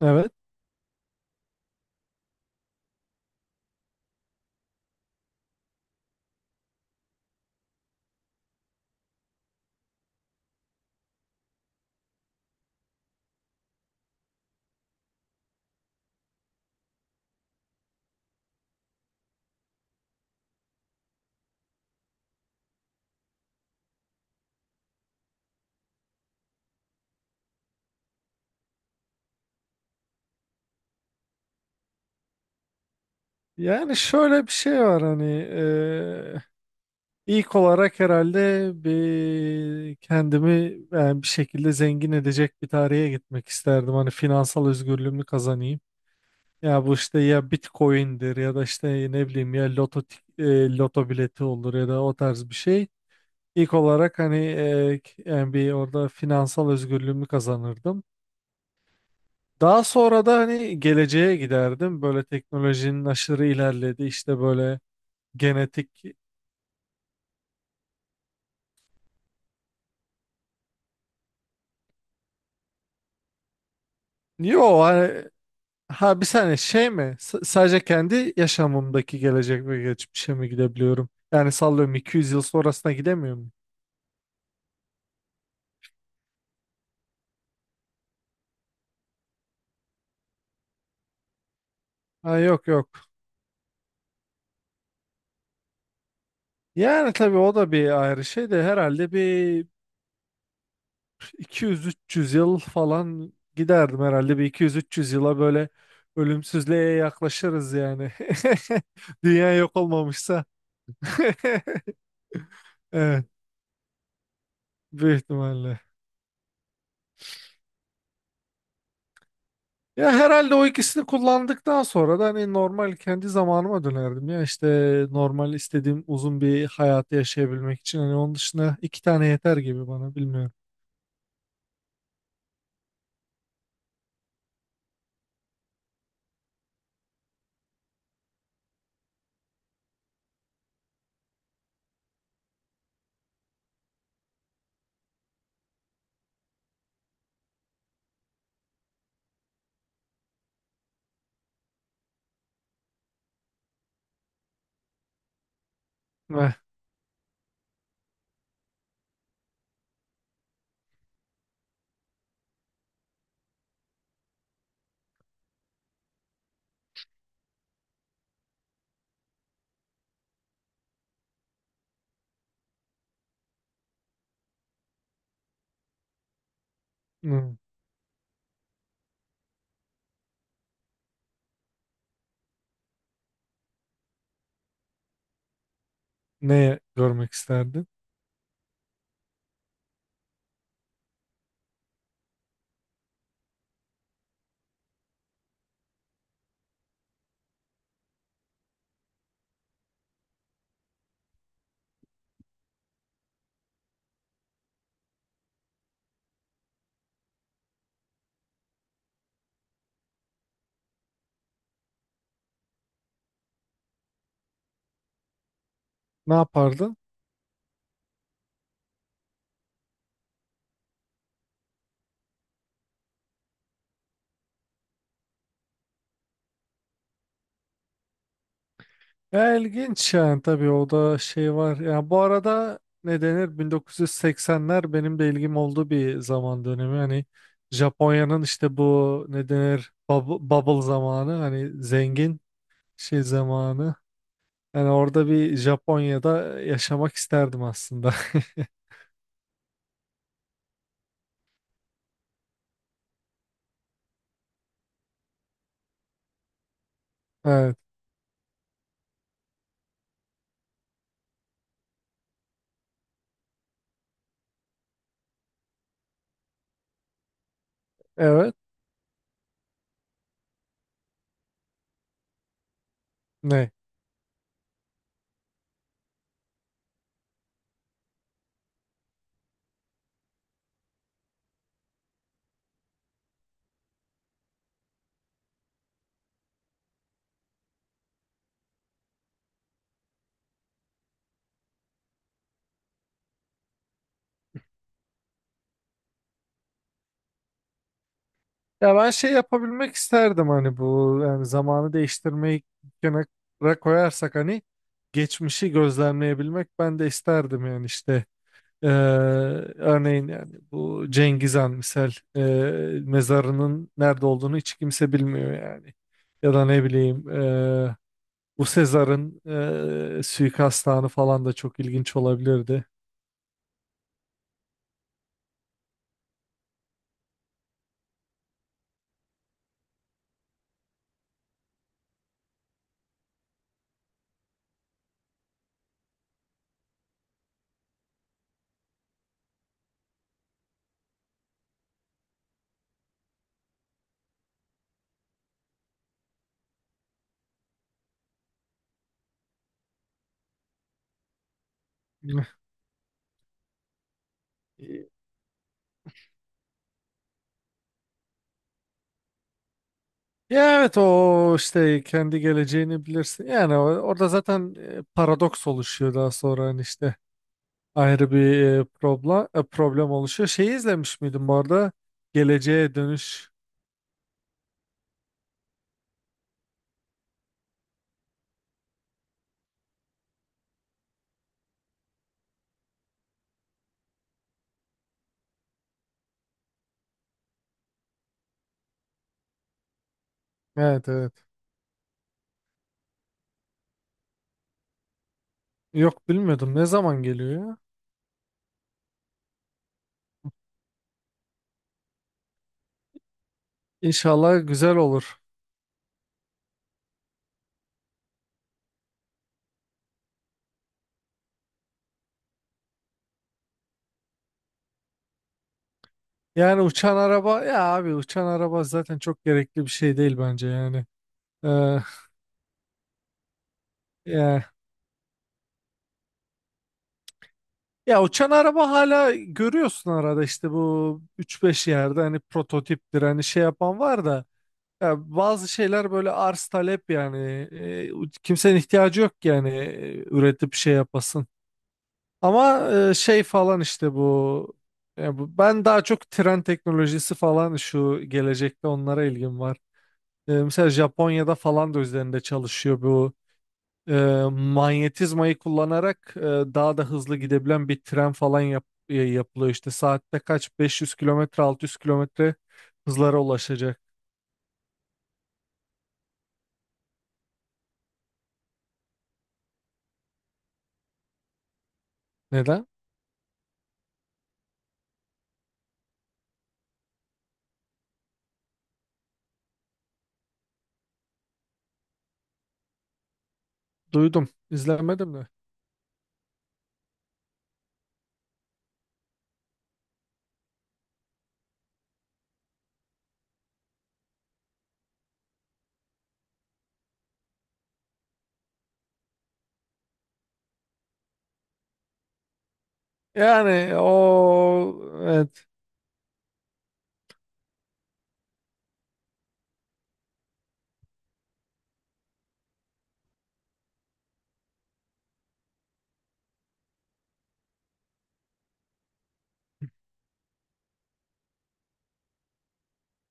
Evet. Yani şöyle bir şey var hani ilk olarak herhalde bir kendimi yani bir şekilde zengin edecek bir tarihe gitmek isterdim. Hani finansal özgürlüğümü kazanayım. Ya bu işte ya Bitcoin'dir ya da işte ne bileyim ya loto bileti olur ya da o tarz bir şey. İlk olarak hani yani bir orada finansal özgürlüğümü kazanırdım. Daha sonra da hani geleceğe giderdim. Böyle teknolojinin aşırı ilerledi işte böyle genetik. Yo hani ha bir saniye şey mi? Sadece kendi yaşamımdaki gelecek ve geçmişe mi gidebiliyorum? Yani sallıyorum 200 yıl sonrasına gidemiyor muyum? Ha, yok yok. Yani tabii o da bir ayrı şey de herhalde bir 200-300 yıl falan giderdim, herhalde bir 200-300 yıla böyle ölümsüzlüğe yaklaşırız yani. Dünya yok olmamışsa. Evet, büyük ihtimalle. Ya herhalde o ikisini kullandıktan sonra da hani normal kendi zamanıma dönerdim, ya işte normal istediğim uzun bir hayatı yaşayabilmek için hani onun dışında iki tane yeter gibi bana, bilmiyorum. Eh, hmm, ne görmek isterdin? Ne yapardın? Ya ilginç yani, tabii o da şey var. Ya bu arada ne denir, 1980'ler benim de ilgim olduğu bir zaman dönemi. Hani Japonya'nın işte bu ne denir, bubble, bubble zamanı, hani zengin şey zamanı. Yani orada bir Japonya'da yaşamak isterdim aslında. Evet, evet. Ne? Ya ben şey yapabilmek isterdim, hani bu yani zamanı değiştirmeyi kenara koyarsak hani geçmişi gözlemleyebilmek ben de isterdim yani işte. Ee, örneğin yani bu Cengiz Han misal, mezarının nerede olduğunu hiç kimse bilmiyor yani. Ya da ne bileyim, bu Sezar'ın suikast anı falan da çok ilginç olabilirdi. Ya evet, o işte kendi geleceğini bilirsin. Yani orada zaten paradoks oluşuyor daha sonra hani işte ayrı bir problem oluşuyor. Şeyi izlemiş miydin bu arada? Geleceğe Dönüş. Evet, evet. Yok, bilmiyordum. Ne zaman geliyor ya? İnşallah güzel olur. Yani uçan araba ya abi, uçan araba zaten çok gerekli bir şey değil bence yani. Ee, yani. Ya uçan araba hala görüyorsun, arada işte bu üç beş yerde hani prototiptir hani, şey yapan var da ya bazı şeyler böyle arz talep yani. E, kimsenin ihtiyacı yok ki yani üretip şey yapasın. Ama şey falan işte bu, ya bu ben daha çok tren teknolojisi falan, şu gelecekte onlara ilgim var. Mesela Japonya'da falan da üzerinde çalışıyor bu e, manyetizmayı kullanarak daha da hızlı gidebilen bir tren falan yapılıyor, işte saatte kaç, 500 kilometre 600 kilometre hızlara ulaşacak. Neden? Duydum. İzlemedim de. Yani o, evet.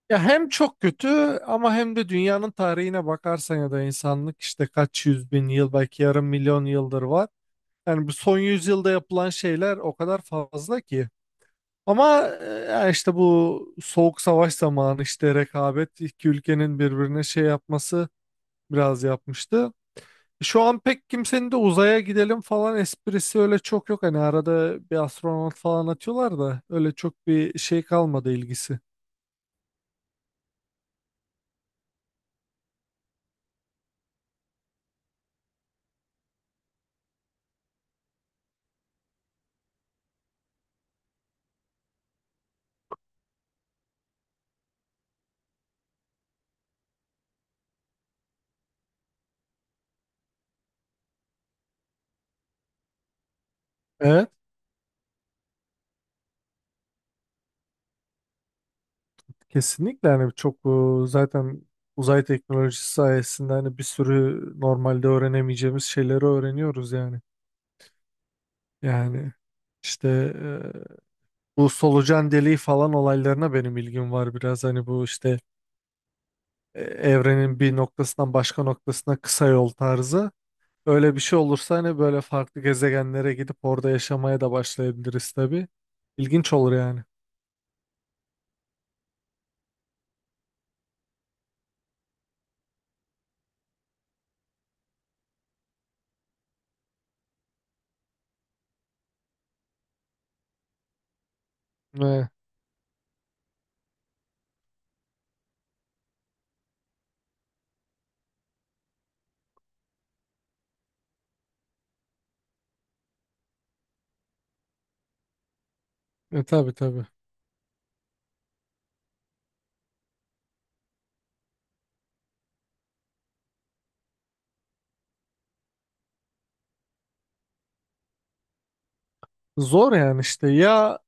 Ya hem çok kötü ama hem de dünyanın tarihine bakarsan ya da insanlık işte kaç yüz bin yıl, belki yarım milyon yıldır var. Yani bu son yüzyılda yapılan şeyler o kadar fazla ki. Ama işte bu soğuk savaş zamanı işte rekabet, iki ülkenin birbirine şey yapması biraz yapmıştı. Şu an pek kimsenin de uzaya gidelim falan esprisi öyle çok yok. Hani arada bir astronot falan atıyorlar da öyle çok bir şey kalmadı ilgisi. Evet. Kesinlikle, hani çok zaten uzay teknolojisi sayesinde hani bir sürü normalde öğrenemeyeceğimiz şeyleri öğreniyoruz yani. Yani işte bu solucan deliği falan olaylarına benim ilgim var biraz. Hani bu işte evrenin bir noktasından başka noktasına kısa yol tarzı. Öyle bir şey olursa hani böyle farklı gezegenlere gidip orada yaşamaya da başlayabiliriz tabii. İlginç olur yani. Ve, tabii tabii. Zor yani, işte ya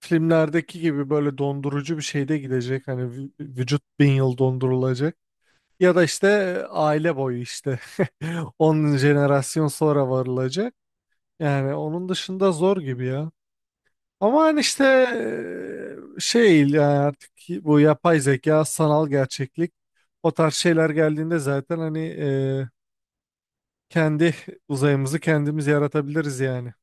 filmlerdeki gibi böyle dondurucu bir şeyde gidecek. Hani vücut bin yıl dondurulacak. Ya da işte aile boyu işte 10 jenerasyon sonra varılacak. Yani onun dışında zor gibi ya. Ama hani işte şey yani artık bu yapay zeka, sanal gerçeklik o tarz şeyler geldiğinde zaten hani kendi uzayımızı kendimiz yaratabiliriz yani.